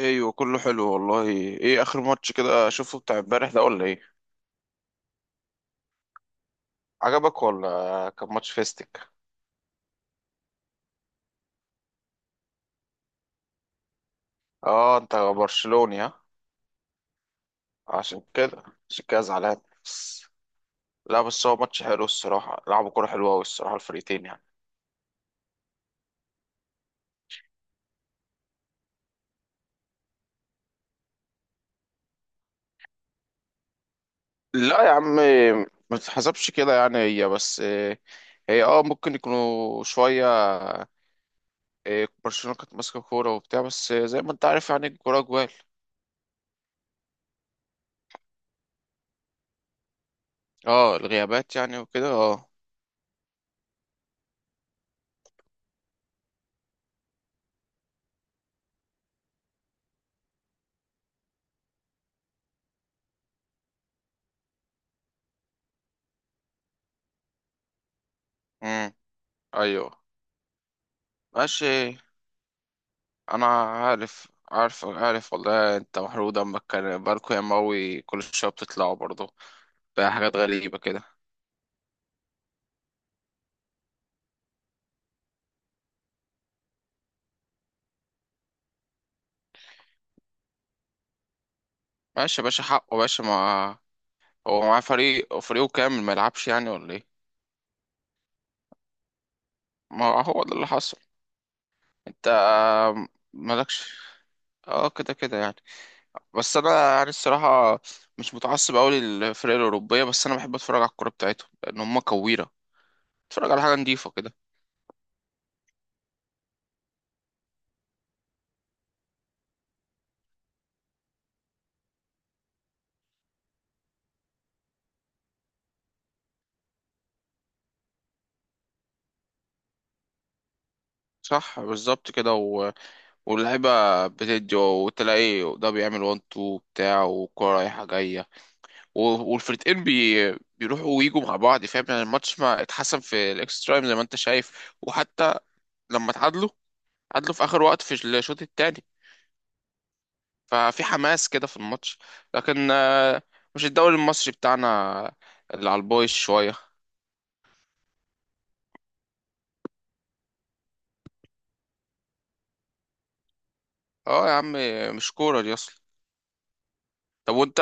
ايوه، كله حلو والله. ايه اخر ماتش كده شفته بتاع امبارح ده ولا ايه؟ عجبك ولا؟ كان ماتش فيستك. اه، انت برشلوني ها؟ عشان كده. عشان كده زعلان بس. لا بس هو ماتش حلو الصراحه، لعبوا كوره حلوه قوي الصراحه الفريقين يعني. لا يا عم، ما تتحسبش كده يعني، هي بس هي ممكن يكونوا شويه. برشلونه كانت ماسكه كوره وبتاع، بس زي ما انت عارف يعني الكوره جوال. اه الغيابات يعني وكده اه. امم. ايوه. ماشي. انا عارف والله، انت محروق دمك. كان باركو يا ماوي كل شويه بتطلعوا برضه. بقى حاجات غريبه كده. ماشي يا باشا، حقه يا باشا. ما هو معاه فريق وفريقه كامل، ما يلعبش يعني ولا ايه؟ ما هو ده اللي حصل. انت مالكش. اه كده كده يعني. بس انا يعني الصراحه مش متعصب قوي للفرق الاوروبيه، بس انا بحب اتفرج على الكوره بتاعتهم لان هم كويره. اتفرج على حاجه نظيفه كده. صح بالظبط كده. واللعيبة بتدي، وتلاقي ده بيعمل وان تو بتاع والكورة رايحة جاية. والفرقتين بيروحوا ويجوا مع بعض، فاهم يعني؟ الماتش ما اتحسن في الاكسترا تايم زي ما انت شايف، وحتى لما اتعادلوا، اتعادلوا في آخر وقت في الشوط التاني، ففي حماس كده في الماتش. لكن مش الدوري المصري بتاعنا اللي على البايظ شوية. اه يا عم، مش كورة دي أصلا. طب وانت؟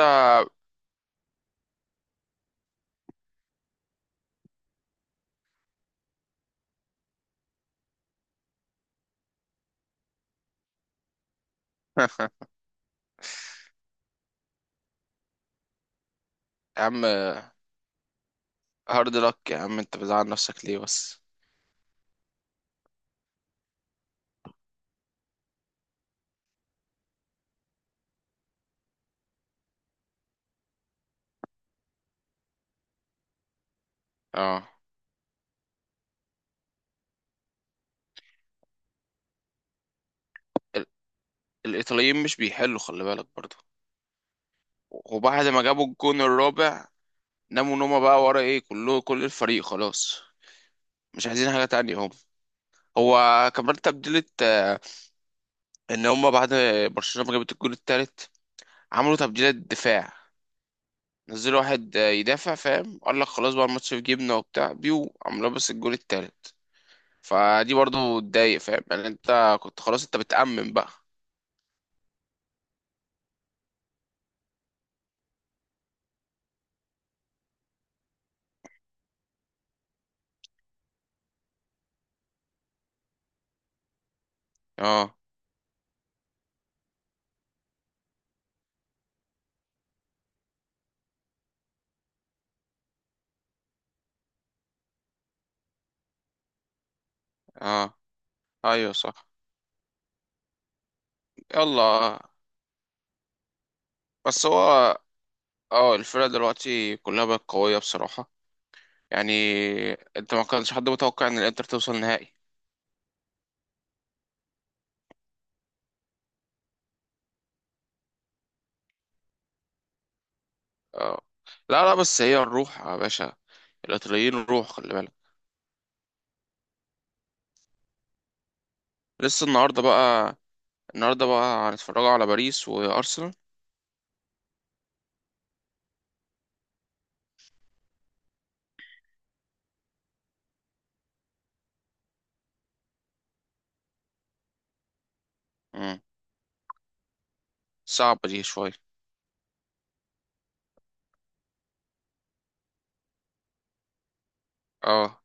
يا عم هارد لك، يا عم انت بتزعل نفسك ليه بس؟ اه الإيطاليين مش بيحلوا، خلي بالك برضه. وبعد ما جابوا الجون الرابع، ناموا نومة بقى، ورا ايه كله كل الفريق خلاص. مش عايزين حاجة تانية هم. هو كمان تبديلة، ان هم بعد برشلونة ما جابت الجون التالت، عملوا تبديلة دفاع، نزلوا واحد يدافع، فاهم؟ قال لك خلاص بقى الماتش في جيبنا وبتاع، بيو عملوا بس الجون التالت. فدي برضه تضايق فاهم يعني، انت كنت خلاص انت بتأمن بقى. اه. اه. ايوه صح. يلا. بس هو اه الفرقة دلوقتي كلها بقت قوية بصراحة يعني. انت ما كانش حد متوقع ان الانتر توصل نهائي. اه، لا لا، بس هي الروح يا باشا، الايطاليين الروح خلي بالك. لسه النهارده بقى، النهارده بقى هنتفرجوا على باريس وارسنال. امم، صعبة دي شوية. اه.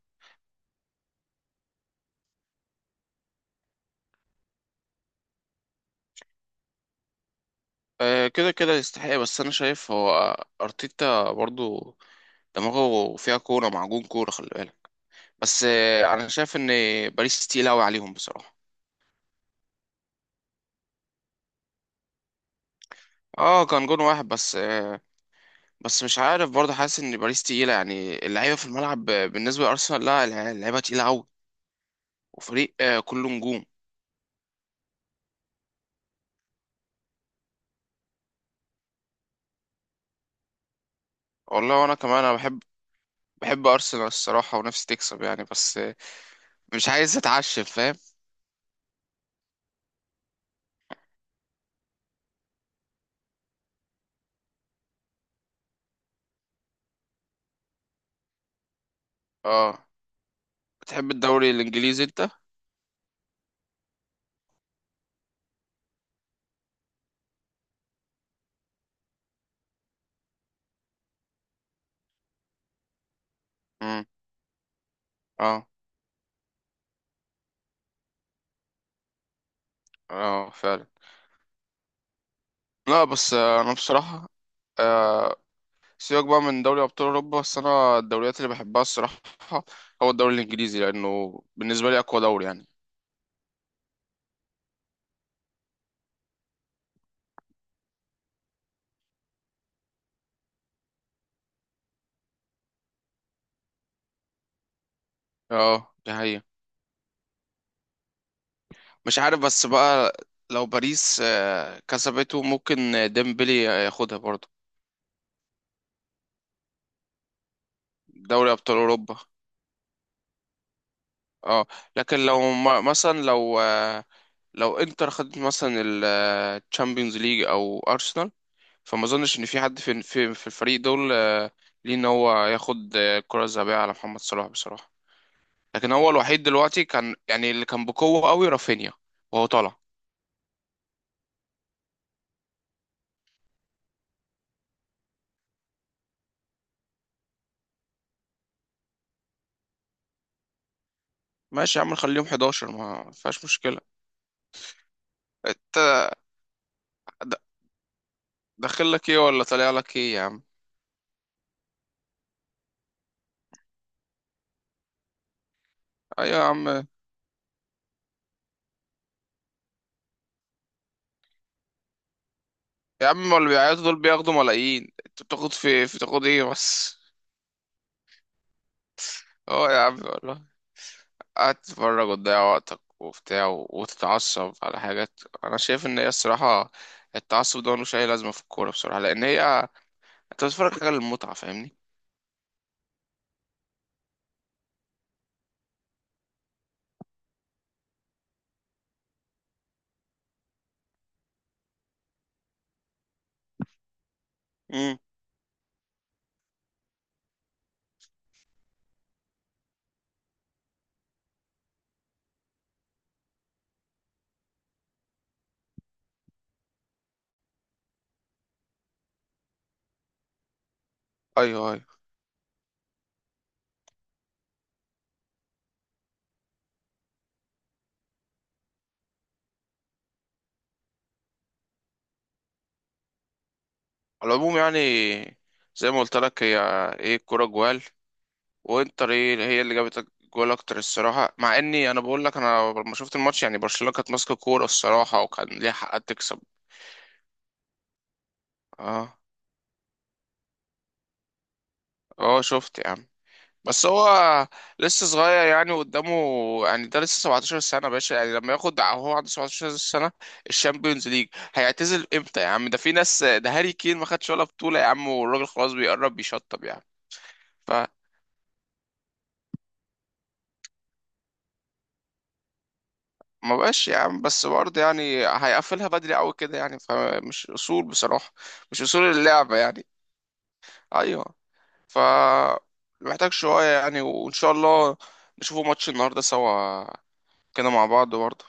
كده كده يستحق، بس انا شايف هو ارتيتا برضو دماغه فيها كورة معجون كورة، خلي بالك. بس انا شايف ان باريس تقيل قوي عليهم بصراحة. اه كان جون واحد بس بس مش عارف برضه، حاسس ان باريس تقيله يعني اللعيبه في الملعب بالنسبه لارسنال. لا اللعيبه تقيله قوي، وفريق كله نجوم. والله وانا كمان، انا بحب، بحب ارسنال الصراحه ونفسي تكسب يعني، بس مش عايز اتعشم فاهم. اه. بتحب الدوري الانجليزي انت؟ امم. اه اه فعلا. لا بس انا بصراحه آه، سيبك بقى من دوري ابطال اوروبا. بس انا الدوريات اللي بحبها الصراحه هو الدوري الانجليزي، لانه بالنسبه لي اقوى دوري يعني. اه ده. مش عارف بس بقى، لو باريس كسبته ممكن ديمبلي ياخدها برضه، دوري ابطال اوروبا. اه. لكن لو مثلا، لو لو انتر خدت مثلا الشامبيونز ليج او ارسنال، فما اظنش ان في حد في الفريق دول ليه ان هو ياخد الكره الذهبيه على محمد صلاح بصراحه. لكن هو الوحيد دلوقتي كان يعني اللي كان بقوه قوي رافينيا، وهو طالع. ماشي يا عم نخليهم 11 ما فيهاش مشكله. انت د- داخل لك ايه ولا طالع لك ايه يا عم؟ ايوه يا عم. يا عم ما اللي بيعيطوا دول بياخدوا ملايين، انت بتاخد في تاخد ايه بس؟ اه يا عم والله، قاعد تتفرج وتضيع وقتك وبتاع، وتتعصب على حاجات. انا شايف ان هي الصراحه التعصب ده ملوش اي لازمه في الكوره بصراحه، لان هي انت بتتفرج حاجه للمتعه فاهمني. امم. ايوه ايوه. على العموم يعني، زي ما قلت لك هي ايه الكوره جوال، وانتر ايه هي اللي جابت جول اكتر الصراحه. مع اني انا بقول لك انا لما شفت الماتش يعني برشلونه كانت ماسكه كوره الصراحه وكان ليها حق تكسب. اه. اه شفت يا عم. بس هو لسه صغير يعني، قدامه يعني، ده لسه 17 سنة يا باشا يعني، لما ياخد هو عنده 17 سنة الشامبيونز ليج هيعتزل امتى يا عم؟ ده في ناس، ده هاري كين ما خدش ولا بطولة يا عم، والراجل خلاص بيقرب بيشطب يعني. فما بقاش يا عم بس برضه يعني، هيقفلها بدري قوي كده يعني، فمش اصول بصراحة، مش اصول اللعبة يعني. ايوه. ف محتاج شوية يعني، وان شاء الله نشوفوا ماتش النهاردة سوا كده مع بعض برضه.